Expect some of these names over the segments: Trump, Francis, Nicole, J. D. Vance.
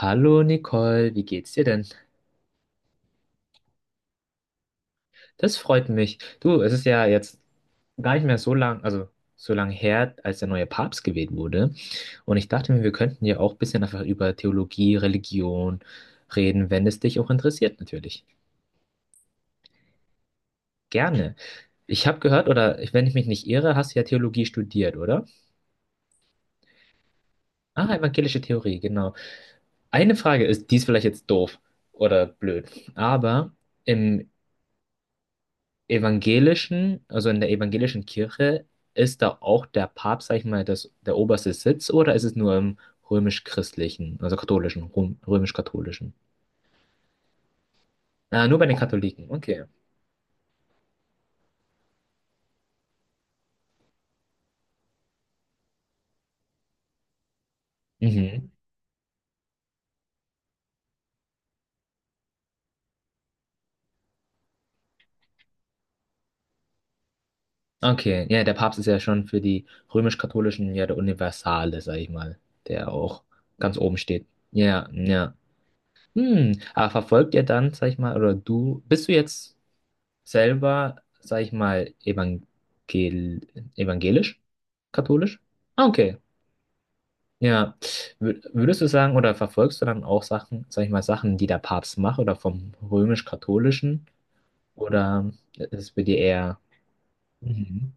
Hallo Nicole, wie geht's dir denn? Das freut mich. Du, es ist ja jetzt gar nicht mehr so lang, also so lang her, als der neue Papst gewählt wurde. Und ich dachte mir, wir könnten ja auch ein bisschen einfach über Theologie, Religion reden, wenn es dich auch interessiert, natürlich. Gerne. Ich habe gehört, oder wenn ich mich nicht irre, hast du ja Theologie studiert, oder? Ah, evangelische Theorie, genau. Eine Frage ist, die ist vielleicht jetzt doof oder blöd, aber im evangelischen, also in der evangelischen Kirche, ist da auch der Papst, sag ich mal, das, der oberste Sitz oder ist es nur im römisch-christlichen, also katholischen, römisch-katholischen? Ah, nur bei den Katholiken, okay. Mhm. Okay, ja, der Papst ist ja schon für die römisch-katholischen ja der Universale, sag ich mal, der auch ganz oben steht. Ja, ja. Hm, aber verfolgt ihr dann, sag ich mal, oder du, bist du jetzt selber, sag ich mal, evangelisch? Katholisch? Ah, okay. Ja. Würdest du sagen, oder verfolgst du dann auch Sachen, sag ich mal, Sachen, die der Papst macht oder vom römisch-katholischen? Oder ist es bei dir eher. Mhm.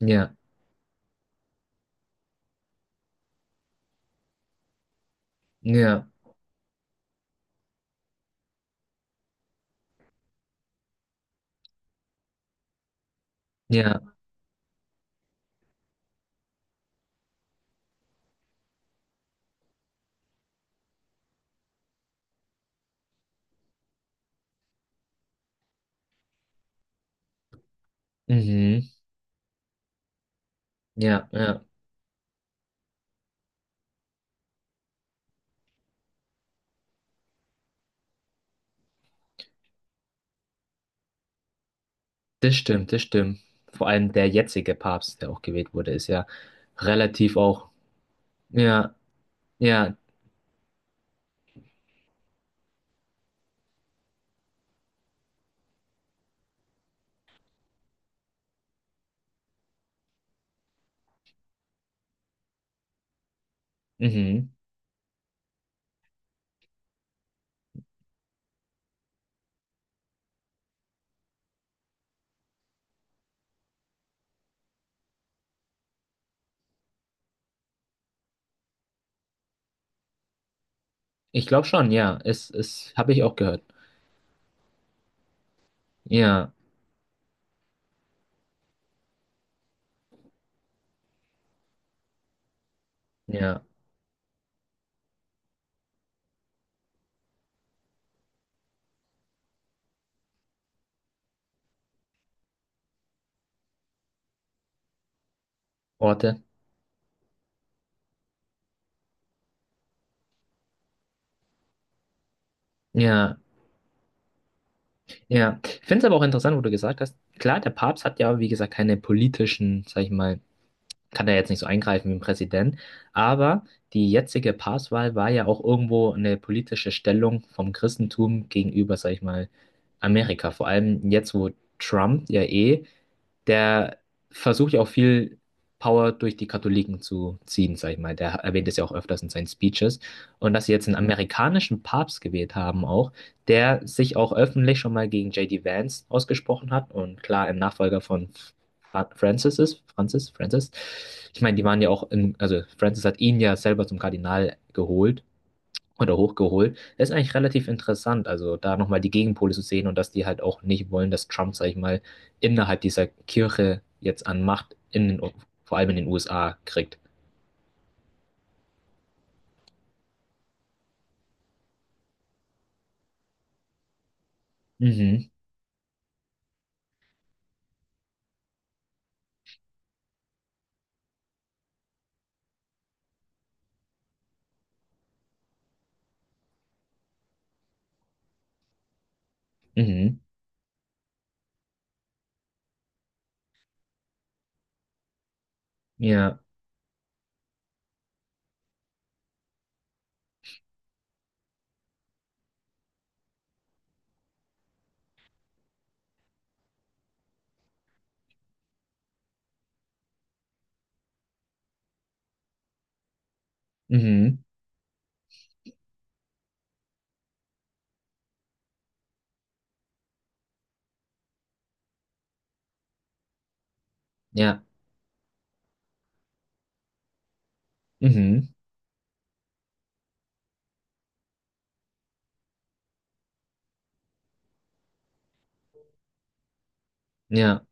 Ja, ja, ja, mhm, ja, ja. Das stimmt, das stimmt. Vor allem der jetzige Papst, der auch gewählt wurde, ist ja relativ auch. Ja, ja, mhm. Ich glaube schon, ja. Es habe ich auch gehört. Ja, ja, Orte. Ja, ja. Ich finde es aber auch interessant, wo du gesagt hast, klar, der Papst hat ja, wie gesagt, keine politischen, sag ich mal, kann er jetzt nicht so eingreifen wie ein Präsident, aber die jetzige Papstwahl war ja auch irgendwo eine politische Stellung vom Christentum gegenüber, sag ich mal, Amerika. Vor allem jetzt, wo Trump ja eh, der versucht ja auch viel Power durch die Katholiken zu ziehen, sag ich mal. Der erwähnt es ja auch öfters in seinen Speeches. Und dass sie jetzt einen amerikanischen Papst gewählt haben auch, der sich auch öffentlich schon mal gegen J. D. Vance ausgesprochen hat und klar ein Nachfolger von Francis ist, Francis, Francis. Ich meine, die waren ja auch in, also Francis hat ihn ja selber zum Kardinal geholt oder hochgeholt. Das ist eigentlich relativ interessant, also da nochmal die Gegenpole zu sehen und dass die halt auch nicht wollen, dass Trump, sag ich mal, innerhalb dieser Kirche jetzt an Macht in den, vor allem in den USA kriegt. Mhm, mhm, ja, mhm, ja, mhm, ja,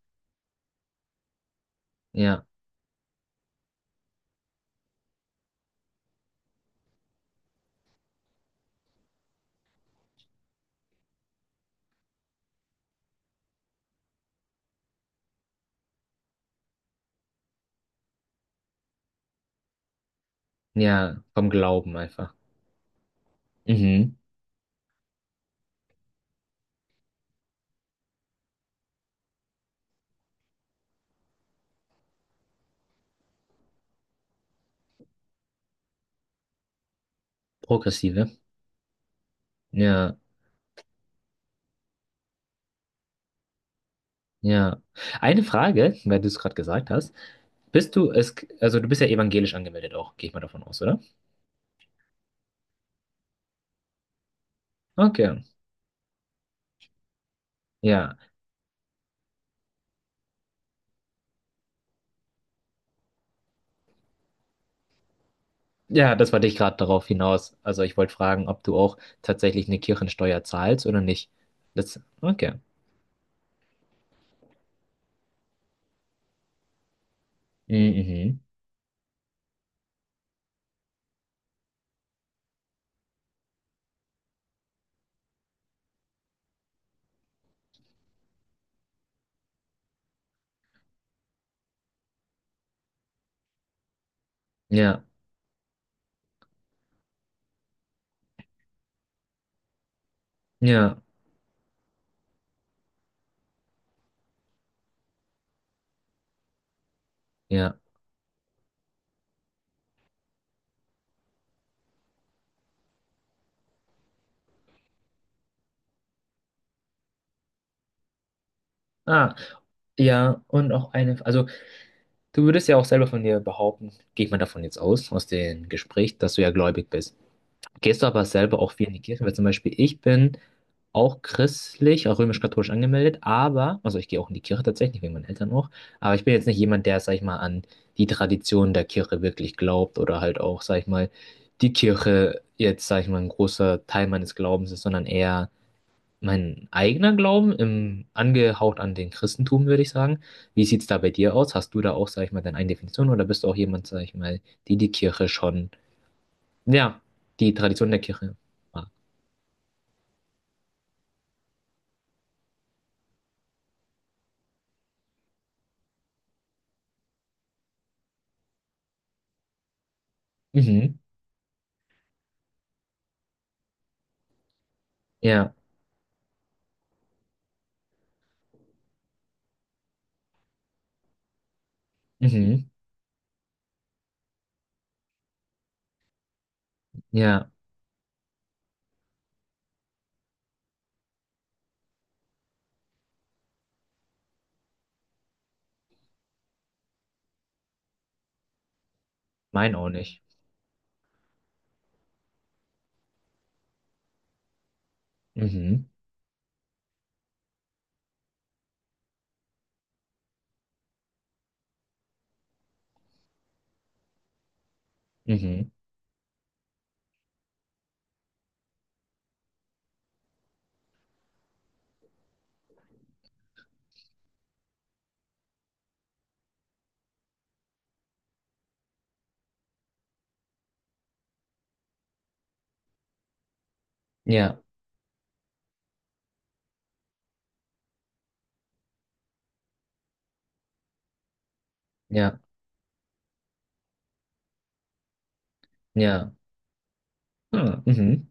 ja, ja, vom Glauben einfach. Mhm, progressive, ja. Ja. Eine Frage, weil du es gerade gesagt hast. Bist du es, also du bist ja evangelisch angemeldet auch, gehe ich mal davon aus, oder? Okay. Ja. Ja, das wollte ich gerade darauf hinaus. Also ich wollte fragen, ob du auch tatsächlich eine Kirchensteuer zahlst oder nicht. Das, okay. Mhm. Ja. Ja. Ja. Ah. Ja, und auch eine, also du würdest ja auch selber von dir behaupten, gehe ich mal davon jetzt aus, aus dem Gespräch, dass du ja gläubig bist. Gehst du aber selber auch viel in die Kirche? Weil zum Beispiel ich bin auch christlich, auch römisch-katholisch angemeldet, aber, also ich gehe auch in die Kirche tatsächlich, wegen meinen Eltern auch, aber ich bin jetzt nicht jemand, der, sag ich mal, an die Tradition der Kirche wirklich glaubt oder halt auch, sag ich mal, die Kirche jetzt, sag ich mal, ein großer Teil meines Glaubens ist, sondern eher mein eigener Glauben, im, angehaucht an den Christentum, würde ich sagen. Wie sieht's da bei dir aus? Hast du da auch, sag ich mal, deine eigene Definition oder bist du auch jemand, sag ich mal, die die Kirche schon ja, die Tradition der Kirche. Ah, Mhm. Ja, mhm, ja, mein auch nicht. Mhm, mhm, ja, ja, ja, ah, mhm,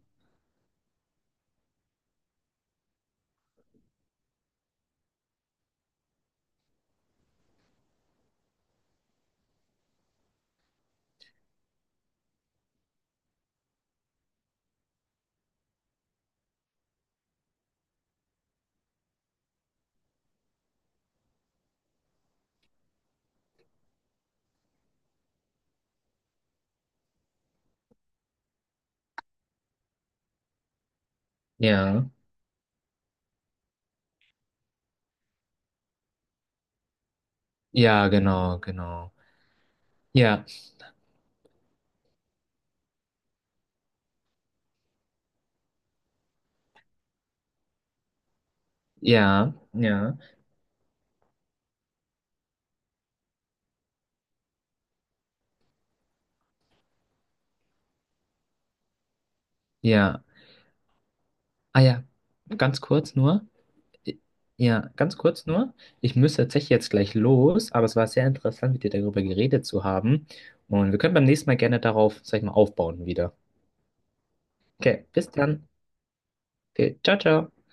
ja, ja, genau, genau. Ja, ja, ja, ja. Ah ja, ganz kurz nur. Ja, ganz kurz nur. Ich müsste tatsächlich jetzt gleich los, aber es war sehr interessant, mit dir darüber geredet zu haben. Und wir können beim nächsten Mal gerne darauf, sag ich mal, aufbauen wieder. Okay, bis dann. Okay, ciao, ciao.